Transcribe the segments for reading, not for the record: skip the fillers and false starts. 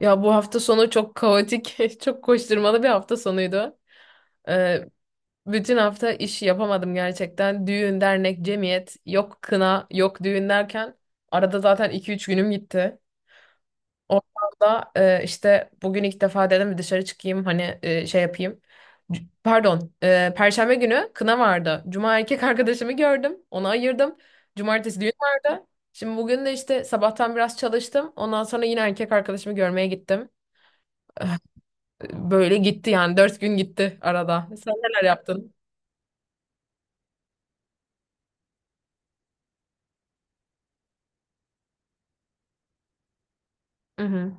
Ya bu hafta sonu çok kaotik, çok koşturmalı bir hafta sonuydu. Ee, Bütün hafta iş yapamadım gerçekten. Düğün, dernek, cemiyet, yok kına, yok düğün derken arada zaten iki üç günüm gitti. Oradan da işte bugün ilk defa dedim bir dışarı çıkayım hani şey yapayım. Pardon, Perşembe günü kına vardı. Cuma erkek arkadaşımı gördüm, onu ayırdım. Cumartesi düğün vardı. Şimdi bugün de işte sabahtan biraz çalıştım. Ondan sonra yine erkek arkadaşımı görmeye gittim. Böyle gitti yani dört gün gitti arada. Sen neler yaptın? Hı hı.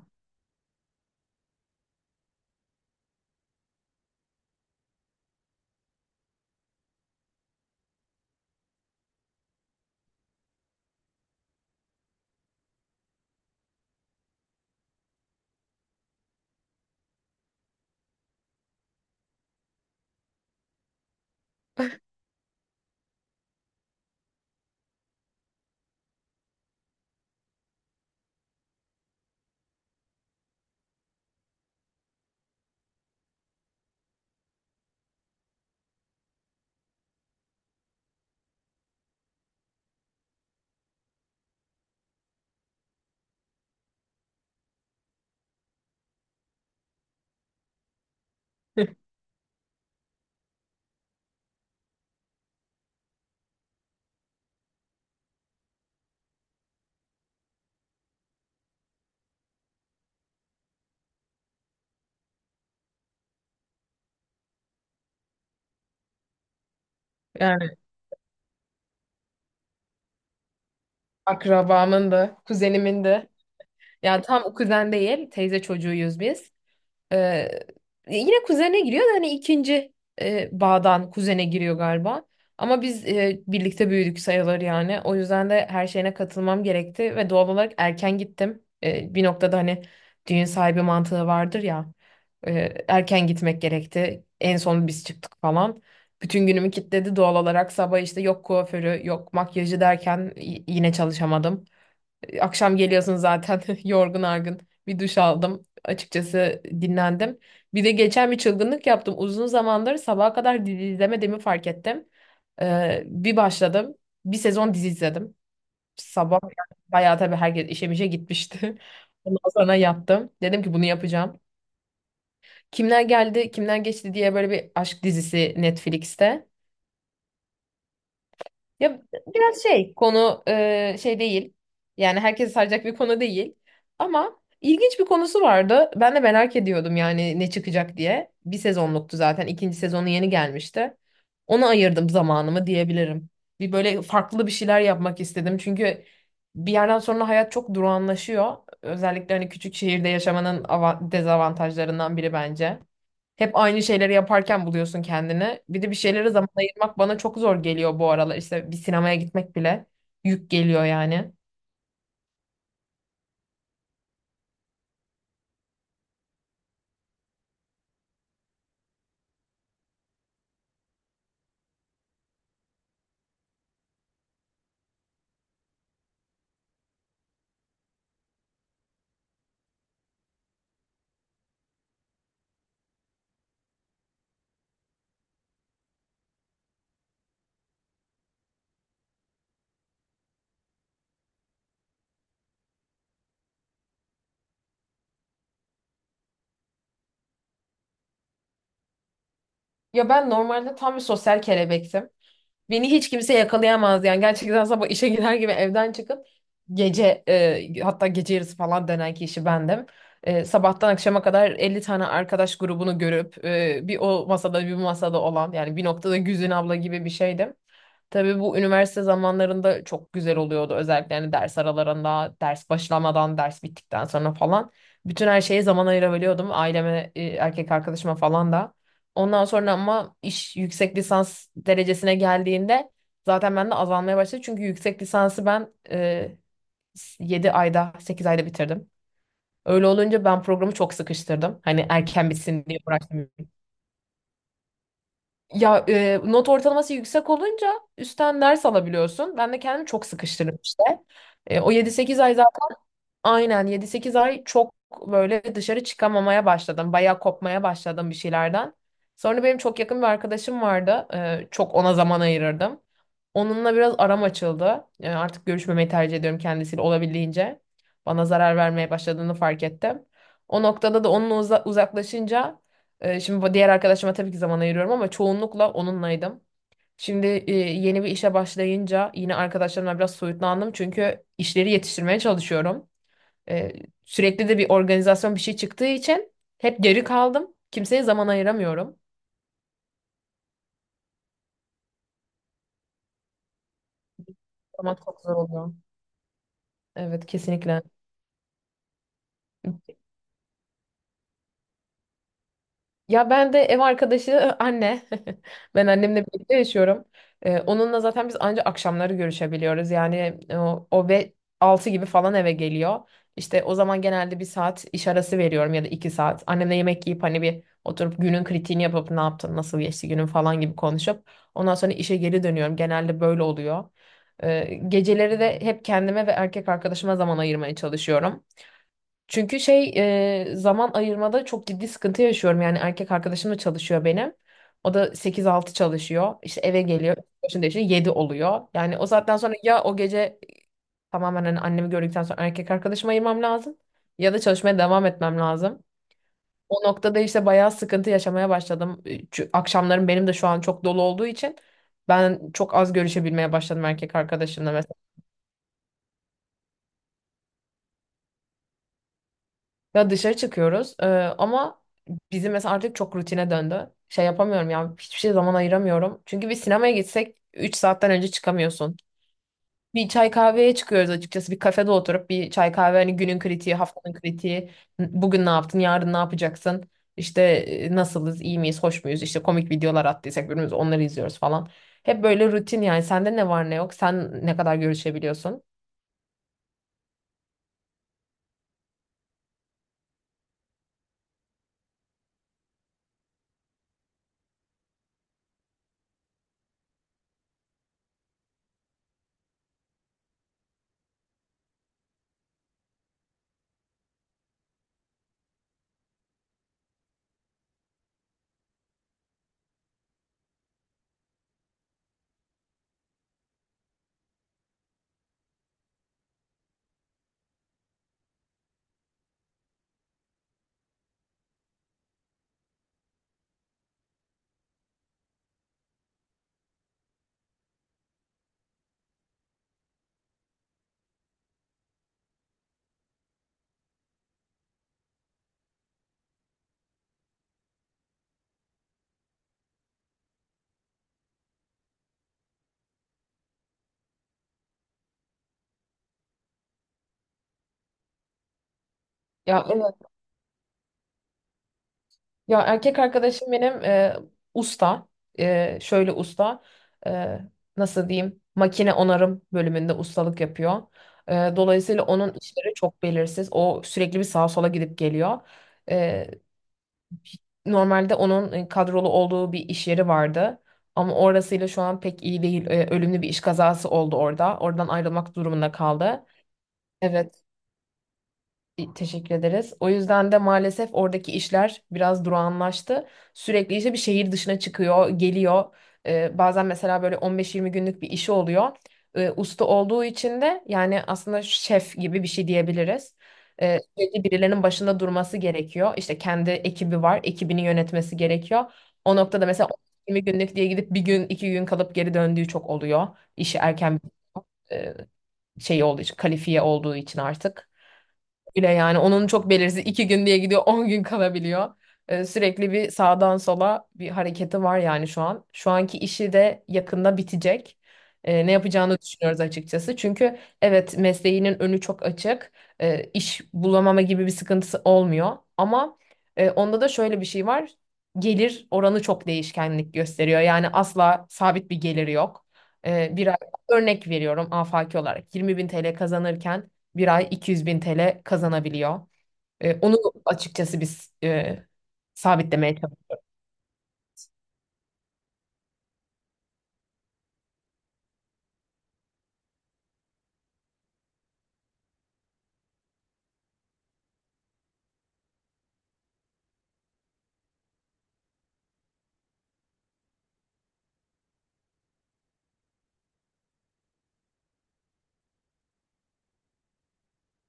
Yani akrabamın da, kuzenimin de. Yani tam kuzen değil, teyze çocuğuyuz biz. Ee, Yine kuzene giriyor da hani ikinci bağdan kuzene giriyor galiba. Ama biz birlikte büyüdük sayılır yani. O yüzden de her şeyine katılmam gerekti ve doğal olarak erken gittim. Bir noktada hani düğün sahibi mantığı vardır ya. Erken gitmek gerekti. En son biz çıktık falan. Bütün günümü kilitledi doğal olarak. Sabah işte yok kuaförü, yok makyajı derken yine çalışamadım. Akşam geliyorsun zaten yorgun argın. Bir duş aldım. Açıkçası dinlendim. Bir de geçen bir çılgınlık yaptım. Uzun zamandır sabaha kadar dizi izlemediğimi fark ettim. Bir başladım. Bir sezon dizi izledim. Sabah yani bayağı tabii herkes işe mişe gitmişti. Ondan sonra yaptım. Dedim ki bunu yapacağım. Kimler geldi, kimler geçti diye böyle bir aşk dizisi Netflix'te. Ya biraz şey konu şey değil. Yani herkesi saracak bir konu değil. Ama ilginç bir konusu vardı. Ben de merak ediyordum yani ne çıkacak diye. Bir sezonluktu zaten. İkinci sezonu yeni gelmişti. Ona ayırdım zamanımı diyebilirim. Bir böyle farklı bir şeyler yapmak istedim. Çünkü bir yerden sonra hayat çok durağanlaşıyor. Özellikle hani küçük şehirde yaşamanın dezavantajlarından biri bence. Hep aynı şeyleri yaparken buluyorsun kendini. Bir de bir şeylere zaman ayırmak bana çok zor geliyor bu aralar. İşte bir sinemaya gitmek bile yük geliyor yani. Ya ben normalde tam bir sosyal kelebektim. Beni hiç kimse yakalayamaz yani. Gerçekten sabah işe girer gibi evden çıkıp gece hatta gece yarısı falan dönen kişi bendim. Sabahtan akşama kadar 50 tane arkadaş grubunu görüp bir o masada bir bu masada olan yani bir noktada Güzin abla gibi bir şeydim. Tabii bu üniversite zamanlarında çok güzel oluyordu. Özellikle hani ders aralarında, ders başlamadan, ders bittikten sonra falan. Bütün her şeye zaman ayırabiliyordum. Aileme, erkek arkadaşıma falan da. Ondan sonra ama iş yüksek lisans derecesine geldiğinde zaten ben de azalmaya başladı. Çünkü yüksek lisansı ben 7 ayda, 8 ayda bitirdim. Öyle olunca ben programı çok sıkıştırdım. Hani erken bitsin diye uğraştım ya not ortalaması yüksek olunca üstten ders alabiliyorsun. Ben de kendimi çok sıkıştırdım işte. O 7-8 ay. Aynen, 7-8 ay çok böyle dışarı çıkamamaya başladım. Bayağı kopmaya başladım bir şeylerden. Sonra benim çok yakın bir arkadaşım vardı. Çok ona zaman ayırırdım. Onunla biraz aram açıldı. Artık görüşmemeyi tercih ediyorum kendisiyle olabildiğince. Bana zarar vermeye başladığını fark ettim. O noktada da onunla uzaklaşınca şimdi bu diğer arkadaşıma tabii ki zaman ayırıyorum ama çoğunlukla onunlaydım. Şimdi yeni bir işe başlayınca yine arkadaşlarımla biraz soyutlandım çünkü işleri yetiştirmeye çalışıyorum. Ee, Sürekli de bir organizasyon bir şey çıktığı için hep geri kaldım. Kimseye zaman ayıramıyorum. Zaman çok zor oluyor. Evet, kesinlikle. Ya ben de ev arkadaşı anne. Ben annemle birlikte yaşıyorum. Onunla zaten biz ancak akşamları görüşebiliyoruz. Yani o, o ve 6 gibi falan eve geliyor. İşte o zaman genelde bir saat iş arası veriyorum ya da iki saat. Annemle yemek yiyip hani bir oturup günün kritiğini yapıp ne yaptın, nasıl geçti günün falan gibi konuşup ondan sonra işe geri dönüyorum. Genelde böyle oluyor. Geceleri de hep kendime ve erkek arkadaşıma zaman ayırmaya çalışıyorum. Çünkü şey zaman ayırmada çok ciddi sıkıntı yaşıyorum. Yani erkek arkadaşım da çalışıyor benim. O da 8-6 çalışıyor. İşte eve geliyor. Başında işte 7 oluyor. Yani o saatten sonra ya o gece tamamen hani annemi gördükten sonra erkek arkadaşıma ayırmam lazım. Ya da çalışmaya devam etmem lazım. O noktada işte bayağı sıkıntı yaşamaya başladım. Çünkü akşamlarım benim de şu an çok dolu olduğu için ben çok az görüşebilmeye başladım erkek arkadaşımla. Ya dışarı çıkıyoruz ama bizim mesela artık çok rutine döndü. Şey yapamıyorum ya hiçbir şey zaman ayıramıyorum. Çünkü bir sinemaya gitsek 3 saatten önce çıkamıyorsun. Bir çay kahveye çıkıyoruz açıkçası. Bir kafede oturup bir çay kahve hani günün kritiği, haftanın kritiği. Bugün ne yaptın, yarın ne yapacaksın? İşte nasılız, iyi miyiz, hoş muyuz? İşte komik videolar attıysak birbirimize onları izliyoruz falan. Hep böyle rutin yani. Sende ne var ne yok? Sen ne kadar görüşebiliyorsun? Ya Ya erkek arkadaşım benim usta. Şöyle usta. E, Nasıl diyeyim? Makine onarım bölümünde ustalık yapıyor. Dolayısıyla onun işleri çok belirsiz. O sürekli bir sağa sola gidip geliyor. E, Normalde onun kadrolu olduğu bir iş yeri vardı. Ama orasıyla şu an pek iyi değil. Ölümlü bir iş kazası oldu orada. Oradan ayrılmak durumunda kaldı. Evet. Teşekkür ederiz. O yüzden de maalesef oradaki işler biraz durağanlaştı. Sürekli işte bir şehir dışına çıkıyor, geliyor. Bazen mesela böyle 15-20 günlük bir işi oluyor. Usta olduğu için de yani aslında şef gibi bir şey diyebiliriz. Sürekli birilerinin başında durması gerekiyor. İşte kendi ekibi var, ekibini yönetmesi gerekiyor. O noktada mesela 20 günlük diye gidip bir gün, iki gün kalıp geri döndüğü çok oluyor. İşi erken e, şey olduğu için, kalifiye olduğu için artık. Öyle yani onun çok belirsiz iki gün diye gidiyor 10 gün kalabiliyor. Sürekli bir sağdan sola bir hareketi var yani şu an. Şu anki işi de yakında bitecek. Ne yapacağını düşünüyoruz açıkçası. Çünkü evet mesleğinin önü çok açık. İş bulamama gibi bir sıkıntısı olmuyor. Ama onda da şöyle bir şey var. Gelir oranı çok değişkenlik gösteriyor. Yani asla sabit bir geliri yok. Ee, bir ay- Örnek veriyorum afaki olarak 20 bin TL kazanırken bir ay 200 bin TL kazanabiliyor. Onu açıkçası biz sabitlemeye çalışıyoruz.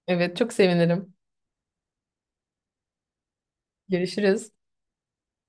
Evet, çok sevinirim. Görüşürüz.